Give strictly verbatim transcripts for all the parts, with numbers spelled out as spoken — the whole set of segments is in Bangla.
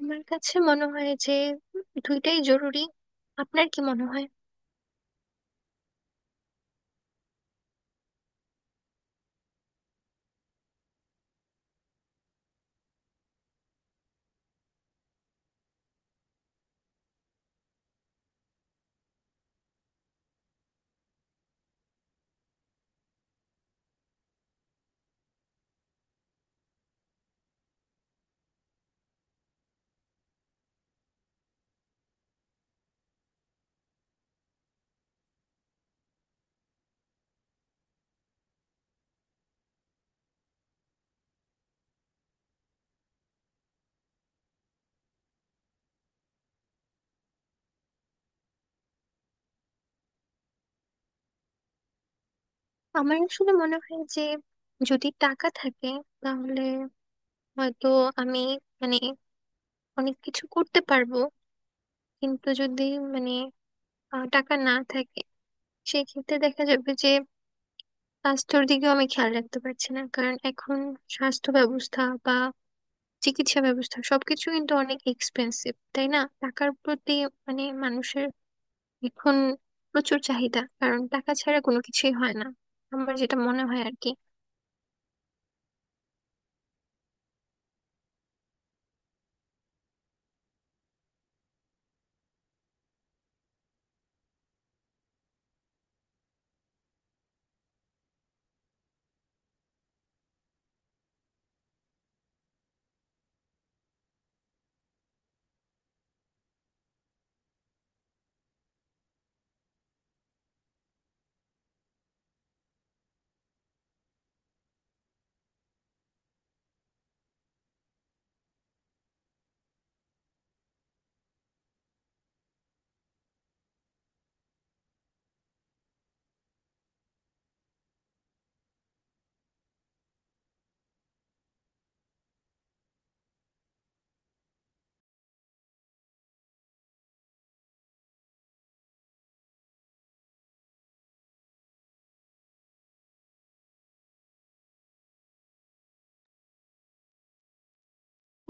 আমার কাছে মনে হয় যে দুইটাই জরুরি। আপনার কি মনে হয়? আমার আসলে মনে হয় যে যদি টাকা থাকে তাহলে হয়তো আমি মানে অনেক কিছু করতে পারবো। কিন্তু যদি মানে আহ, টাকা না থাকে, সেক্ষেত্রে দেখা যাবে যে স্বাস্থ্যের দিকেও আমি খেয়াল রাখতে পারছি না, কারণ এখন স্বাস্থ্য ব্যবস্থা বা চিকিৎসা ব্যবস্থা সবকিছু কিন্তু অনেক এক্সপেন্সিভ, তাই না? টাকার প্রতি মানে মানুষের এখন প্রচুর চাহিদা, কারণ টাকা ছাড়া কোনো কিছুই হয় না। আমার যেটা মনে হয় আর কি।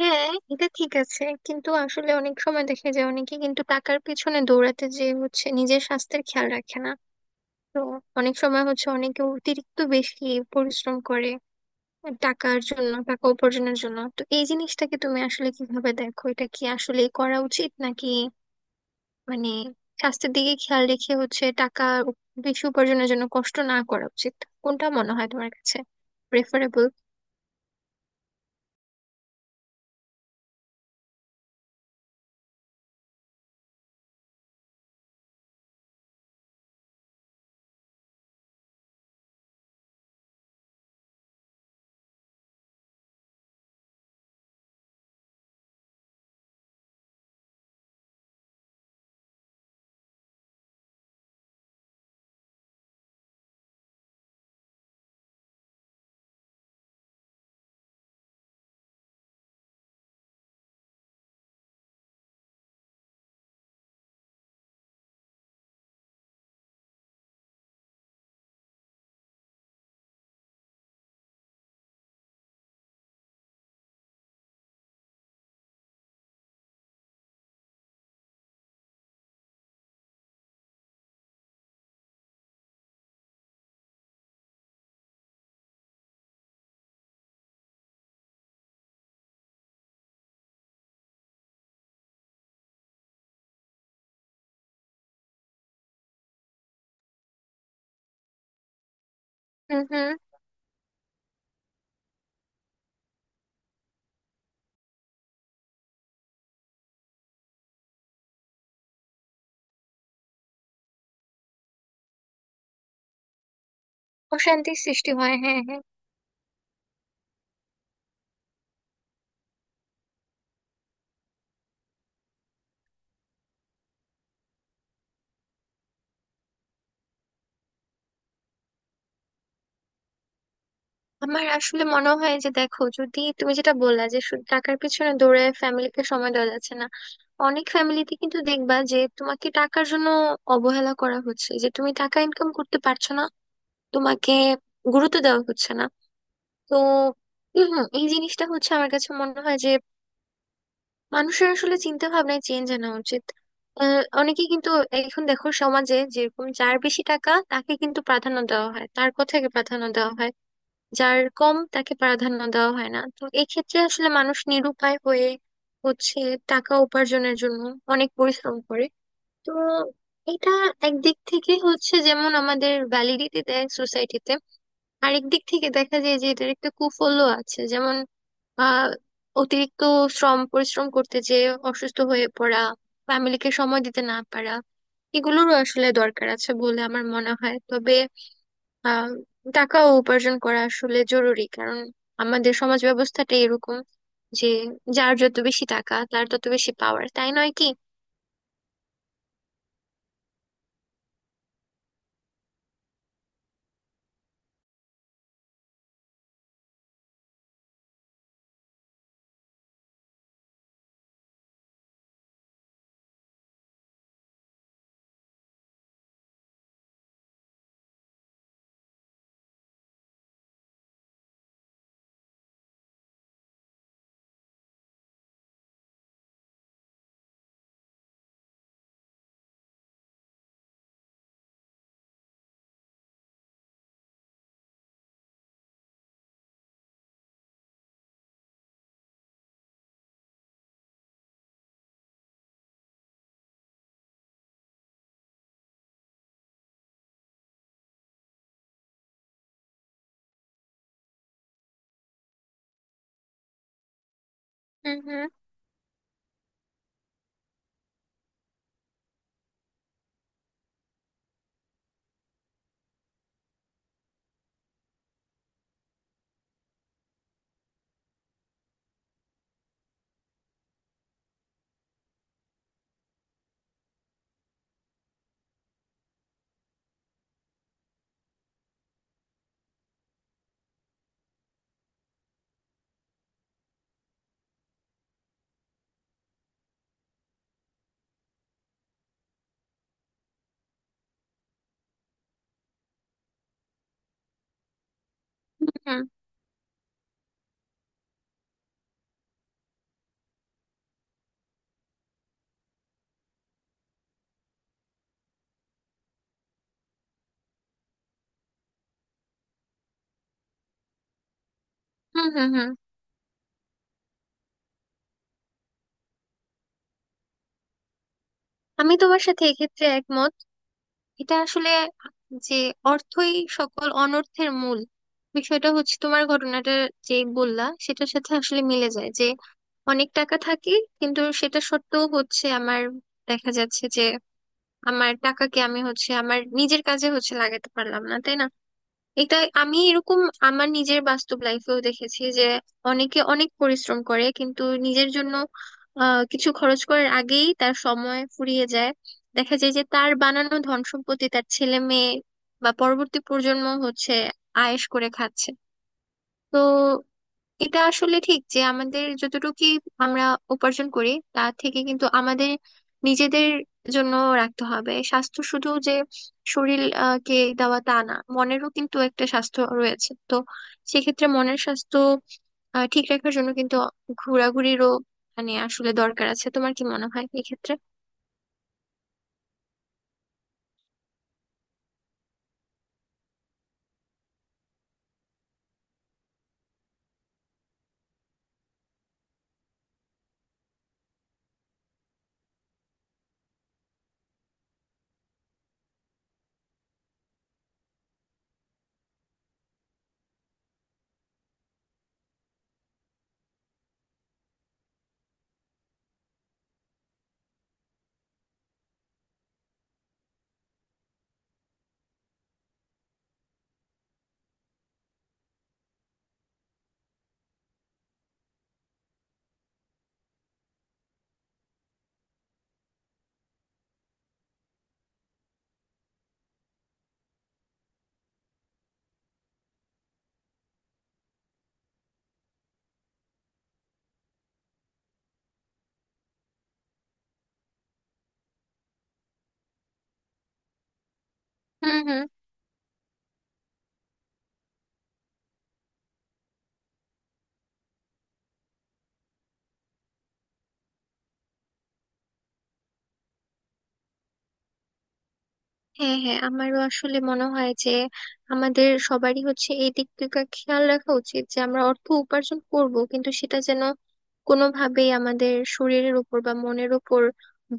হ্যাঁ, এটা ঠিক আছে, কিন্তু আসলে অনেক সময় দেখা যায় অনেকে কিন্তু টাকার পেছনে দৌড়াতে যে হচ্ছে নিজের স্বাস্থ্যের খেয়াল রাখে না। তো অনেক সময় হচ্ছে অনেকে অতিরিক্ত বেশি পরিশ্রম করে টাকার জন্য, টাকা উপার্জনের জন্য। তো এই জিনিসটাকে তুমি আসলে কিভাবে দেখো? এটা কি আসলে করা উচিত, নাকি মানে স্বাস্থ্যের দিকে খেয়াল রেখে হচ্ছে টাকা বেশি উপার্জনের জন্য কষ্ট না করা উচিত? কোনটা মনে হয় তোমার কাছে প্রেফারেবল? হুম, হুম, অশান্তির সৃষ্টি হয়, হ্যাঁ হ্যাঁ। আমার আসলে মনে হয় যে দেখো, যদি তুমি যেটা বললা যে শুধু টাকার পিছনে দৌড়ে ফ্যামিলিকে সময় দেওয়া যাচ্ছে না, অনেক ফ্যামিলিতে কিন্তু দেখবা যে তোমাকে টাকার জন্য অবহেলা করা হচ্ছে, যে তুমি টাকা ইনকাম করতে পারছো না, তোমাকে গুরুত্ব দেওয়া হচ্ছে না। তো হুম, এই জিনিসটা হচ্ছে আমার কাছে মনে হয় যে মানুষের আসলে চিন্তা ভাবনায় চেঞ্জ আনা উচিত। আহ, অনেকে কিন্তু এখন দেখো সমাজে যেরকম, যার বেশি টাকা তাকে কিন্তু প্রাধান্য দেওয়া হয়, তার কথাকে প্রাধান্য দেওয়া হয়। যার কম তাকে প্রাধান্য দেওয়া হয় না। তো এক্ষেত্রে আসলে মানুষ নিরুপায় হয়ে হচ্ছে টাকা উপার্জনের জন্য অনেক পরিশ্রম করে। তো এটা একদিক থেকে হচ্ছে যেমন আমাদের ভ্যালিডিটি দেয় সোসাইটিতে, আরেক দিক থেকে দেখা যায় যে এটার একটা কুফলও আছে। যেমন আহ অতিরিক্ত শ্রম পরিশ্রম করতে যে অসুস্থ হয়ে পড়া, ফ্যামিলিকে সময় দিতে না পারা, এগুলোরও আসলে দরকার আছে বলে আমার মনে হয়। তবে আহ টাকা উপার্জন করা আসলে জরুরি, কারণ আমাদের সমাজ ব্যবস্থাটা এরকম যে যার যত বেশি টাকা, তার তত বেশি পাওয়ার, তাই নয় কি? হুম, হুম, হুম, হুম, হুম, হুম। আমি তোমার সাথে এক্ষেত্রে একমত। এটা আসলে যে অর্থই সকল অনর্থের মূল, বিষয়টা হচ্ছে তোমার ঘটনাটা যে বললা সেটার সাথে আসলে মিলে যায়, যে অনেক টাকা থাকে কিন্তু সেটা সত্ত্বেও হচ্ছে আমার দেখা যাচ্ছে যে আমার টাকাকে আমি হচ্ছে আমার নিজের কাজে হচ্ছে লাগাতে পারলাম না, তাই না? এটা আমি এরকম আমার নিজের বাস্তব লাইফেও দেখেছি যে অনেকে অনেক পরিশ্রম করে কিন্তু নিজের জন্য আহ, কিছু খরচ করার আগেই তার সময় ফুরিয়ে যায়। দেখা যায় যে তার বানানো ধন সম্পত্তি তার ছেলে মেয়ে বা পরবর্তী প্রজন্ম হচ্ছে আয়েশ করে খাচ্ছে। তো এটা আসলে ঠিক যে আমাদের যতটুকু আমরা উপার্জন করি, তা থেকে কিন্তু আমাদের নিজেদের জন্য রাখতে হবে। স্বাস্থ্য শুধু যে শরীর আহ, কে দেওয়া তা না, মনেরও কিন্তু একটা স্বাস্থ্য রয়েছে। তো সেক্ষেত্রে মনের স্বাস্থ্য আহ, ঠিক রাখার জন্য কিন্তু ঘোরাঘুরিরও মানে আসলে দরকার আছে। তোমার কি মনে হয় এক্ষেত্রে? হুম, হুম, হ্যাঁ হ্যাঁ। আমারও আসলে মনে হয় যে আমাদের সবারই হচ্ছে এই দিক দিকটা খেয়াল রাখা উচিত যে আমরা অর্থ উপার্জন করব, কিন্তু সেটা যেন কোনোভাবেই আমাদের শরীরের উপর বা মনের উপর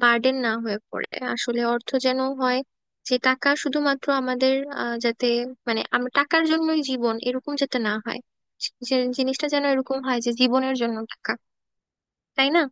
বার্ডেন না হয়ে পড়ে। আসলে অর্থ যেন হয় যে টাকা শুধুমাত্র আমাদের আহ যাতে, মানে আমরা টাকার জন্যই জীবন এরকম যাতে না হয়, যে জিনিসটা যেন এরকম হয় যে জীবনের জন্য টাকা, তাই না?